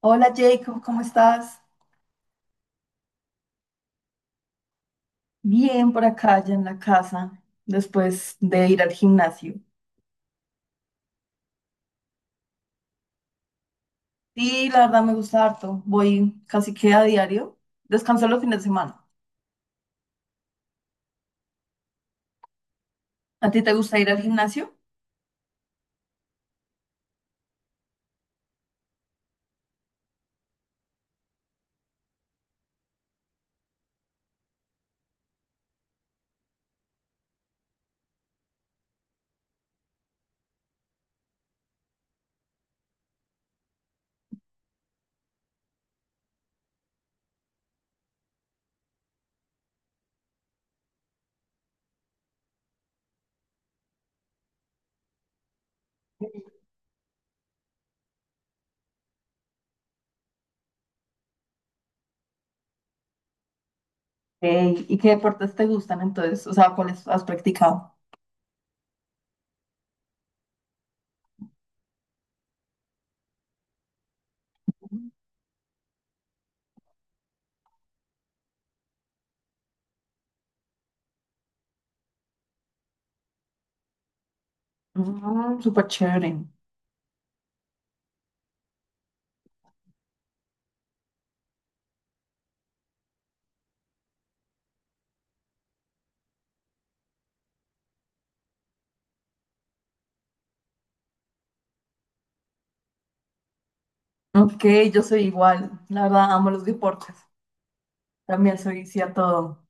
Hola Jacob, ¿cómo estás? Bien por acá, ya en la casa, después de ir al gimnasio. Sí, la verdad me gusta harto, voy casi que a diario, descanso los fines de semana. ¿A ti te gusta ir al gimnasio? Ey, ¿y qué deportes te gustan entonces? O sea, ¿cuáles has practicado? Mm, súper chévere. Ok, yo soy igual, la verdad amo los deportes. También soy, sí, a todo,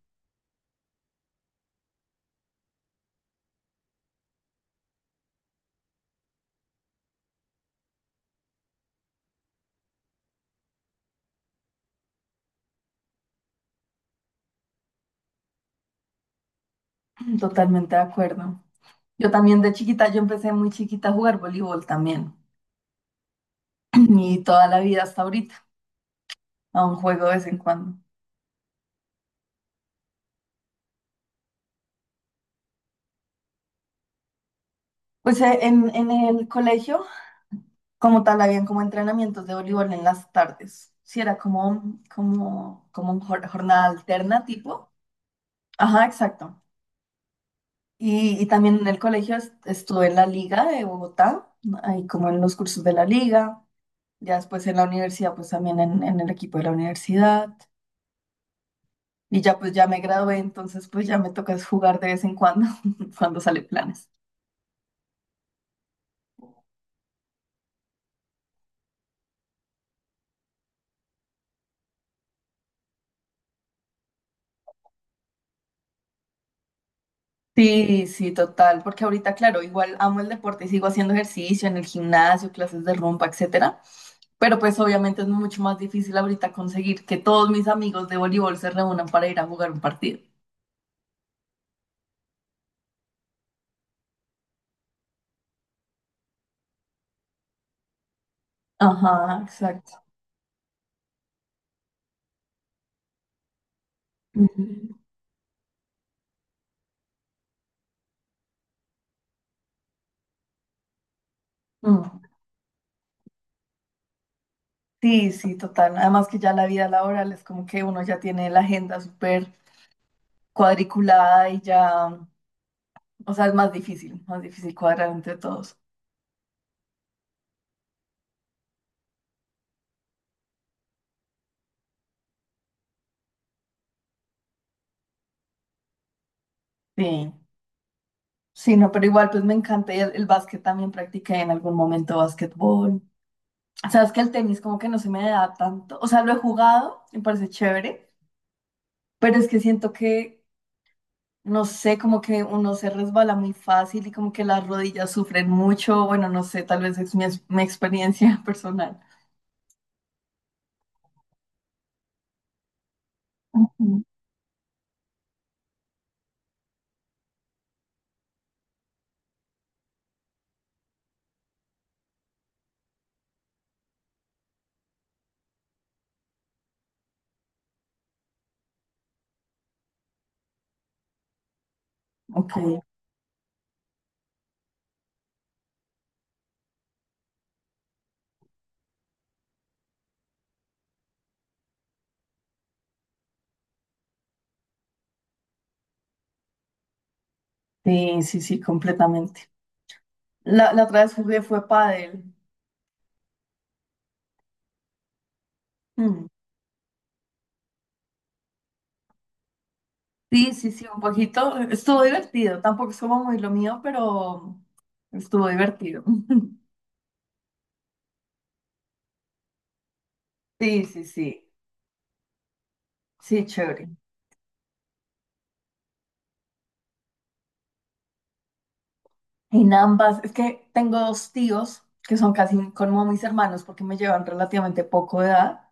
totalmente de acuerdo. Yo también de chiquita, yo empecé muy chiquita a jugar voleibol también. Y toda la vida hasta ahorita. Aún juego de vez en cuando. Pues en el colegio, como tal, habían como entrenamientos de voleibol en las tardes. Sí, era como un jornada alterna tipo. Ajá, exacto. Y también en el colegio estuve en la liga de Bogotá, ahí como en los cursos de la liga. Ya después en la universidad, pues también en el equipo de la universidad. Y ya pues ya me gradué, entonces pues ya me toca es jugar de vez en cuando, cuando sale planes. Sí, sí, total, porque ahorita, claro, igual amo el deporte y sigo haciendo ejercicio en el gimnasio, clases de rumba, etcétera, pero pues obviamente es mucho más difícil ahorita conseguir que todos mis amigos de voleibol se reúnan para ir a jugar un partido. Ajá, exacto. Ujú. Mm. Sí, sí, total. Además que ya la vida laboral es como que uno ya tiene la agenda súper cuadriculada y ya, o sea, es más difícil cuadrar entre todos. Sí. Sí, no, pero igual pues me encanta y el básquet también practiqué en algún momento básquetbol. Sabes que el tenis como que no se me da tanto, o sea, lo he jugado, me parece chévere, pero es que siento que, no sé, como que uno se resbala muy fácil y como que las rodillas sufren mucho, bueno, no sé, tal vez es mi, mi experiencia personal. Ujú. Ok, sí, sí, sí, completamente. La otra vez jugué fue pádel. Mm. Sí, sí, sí, un poquito. Estuvo divertido. Tampoco es como muy lo mío, pero estuvo divertido. Sí, sí, sí. Sí, chévere. En ambas, es que tengo dos tíos que son casi como mis hermanos porque me llevan relativamente poco de edad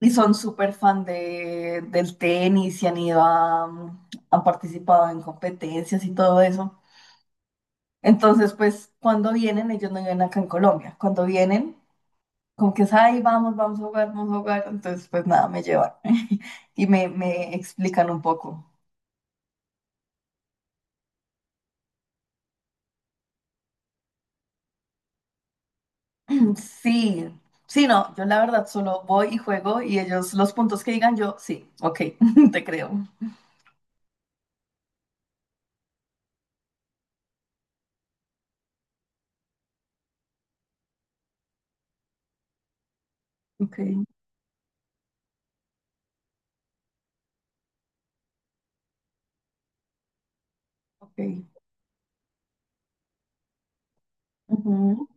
y son súper fan de, del tenis y han ido a, han participado en competencias y todo eso. Entonces, pues cuando vienen, ellos no viven acá en Colombia. Cuando vienen, como que es, ay, vamos, vamos a jugar, vamos a jugar. Entonces, pues nada, me llevan y me explican un poco. Sí, sí, no, yo la verdad solo voy y juego y ellos los puntos que digan yo, sí, ok, te creo. Ok, ok. Ujú.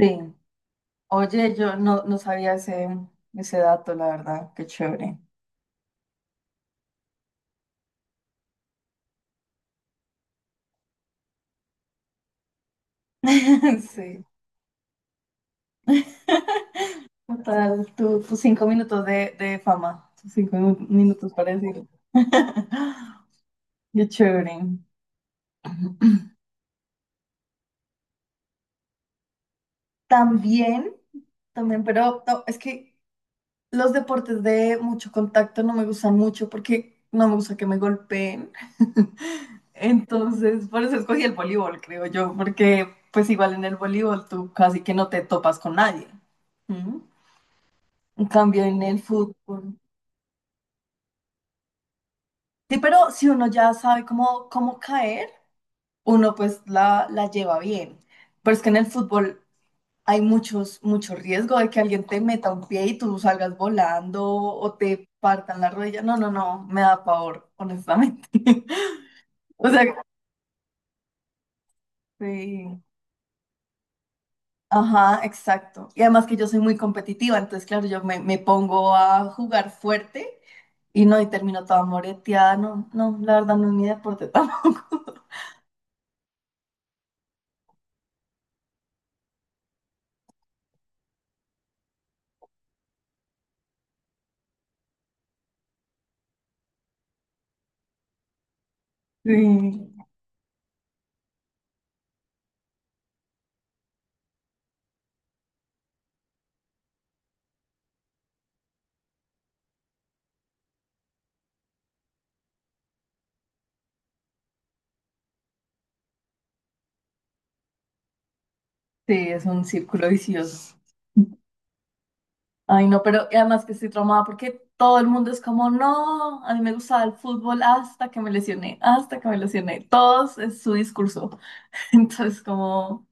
Sí. Oye, yo no, no sabía ese, ese dato, la verdad, qué chévere. Sí. Total, tus 5 minutos de fama, tus cinco minutos para decir. Qué chévere. También, también, pero no, es que los deportes de mucho contacto no me gustan mucho porque no me gusta que me golpeen. Entonces, por eso escogí el voleibol, creo yo, porque pues igual en el voleibol tú casi que no te topas con nadie. ¿Mm? En cambio, en el fútbol. Sí, pero si uno ya sabe cómo, cómo caer, uno pues la lleva bien. Pero es que en el fútbol hay mucho riesgo de que alguien te meta un pie y tú salgas volando o te partan la rodilla. No, no, no, me da pavor, honestamente. O sea, sí. Ajá, exacto. Y además que yo soy muy competitiva, entonces, claro, yo me, me pongo a jugar fuerte y no, y termino toda moreteada. No, no, la verdad no es mi deporte tampoco. Sí, sí, es un círculo vicioso. Ay, no, pero y además que estoy traumada porque todo el mundo es como, no, a mí me gustaba el fútbol hasta que me lesioné, hasta que me lesioné. Todos es su discurso. Entonces, como,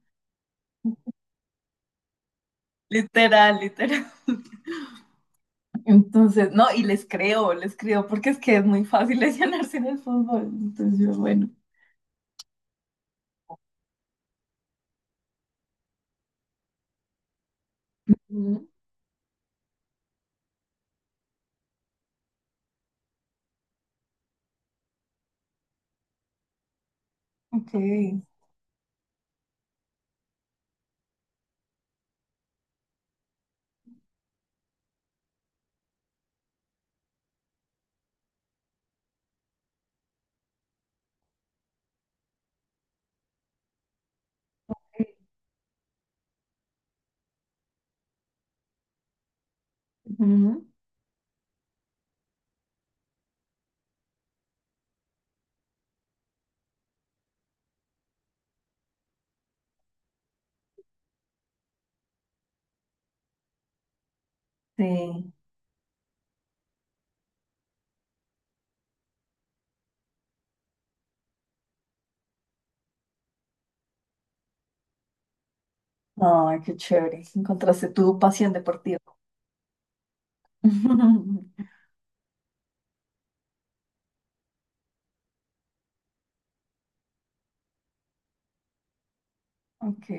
literal, literal. Entonces, no, y les creo, porque es que es muy fácil lesionarse en el fútbol. Entonces, yo, bueno. Ujú. Ok. Ujú. Sí. Ay, qué chévere. Encontraste tu pasión deportiva. Ok.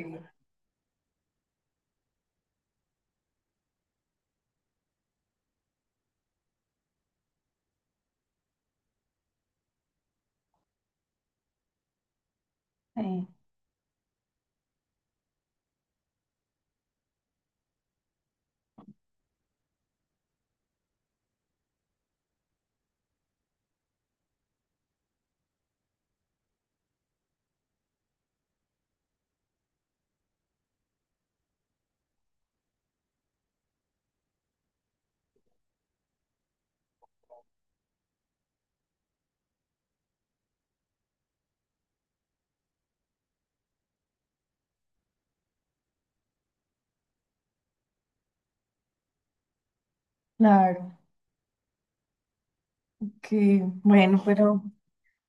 Sí, claro. Ok, bueno, pero.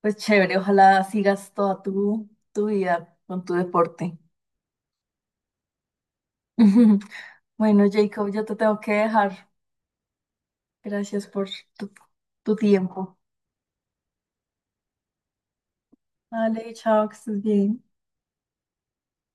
Pues chévere, ojalá sigas toda tu, tu vida con tu deporte. Bueno, Jacob, yo te tengo que dejar. Gracias por tu, tu tiempo. Vale, chao, que estés bien.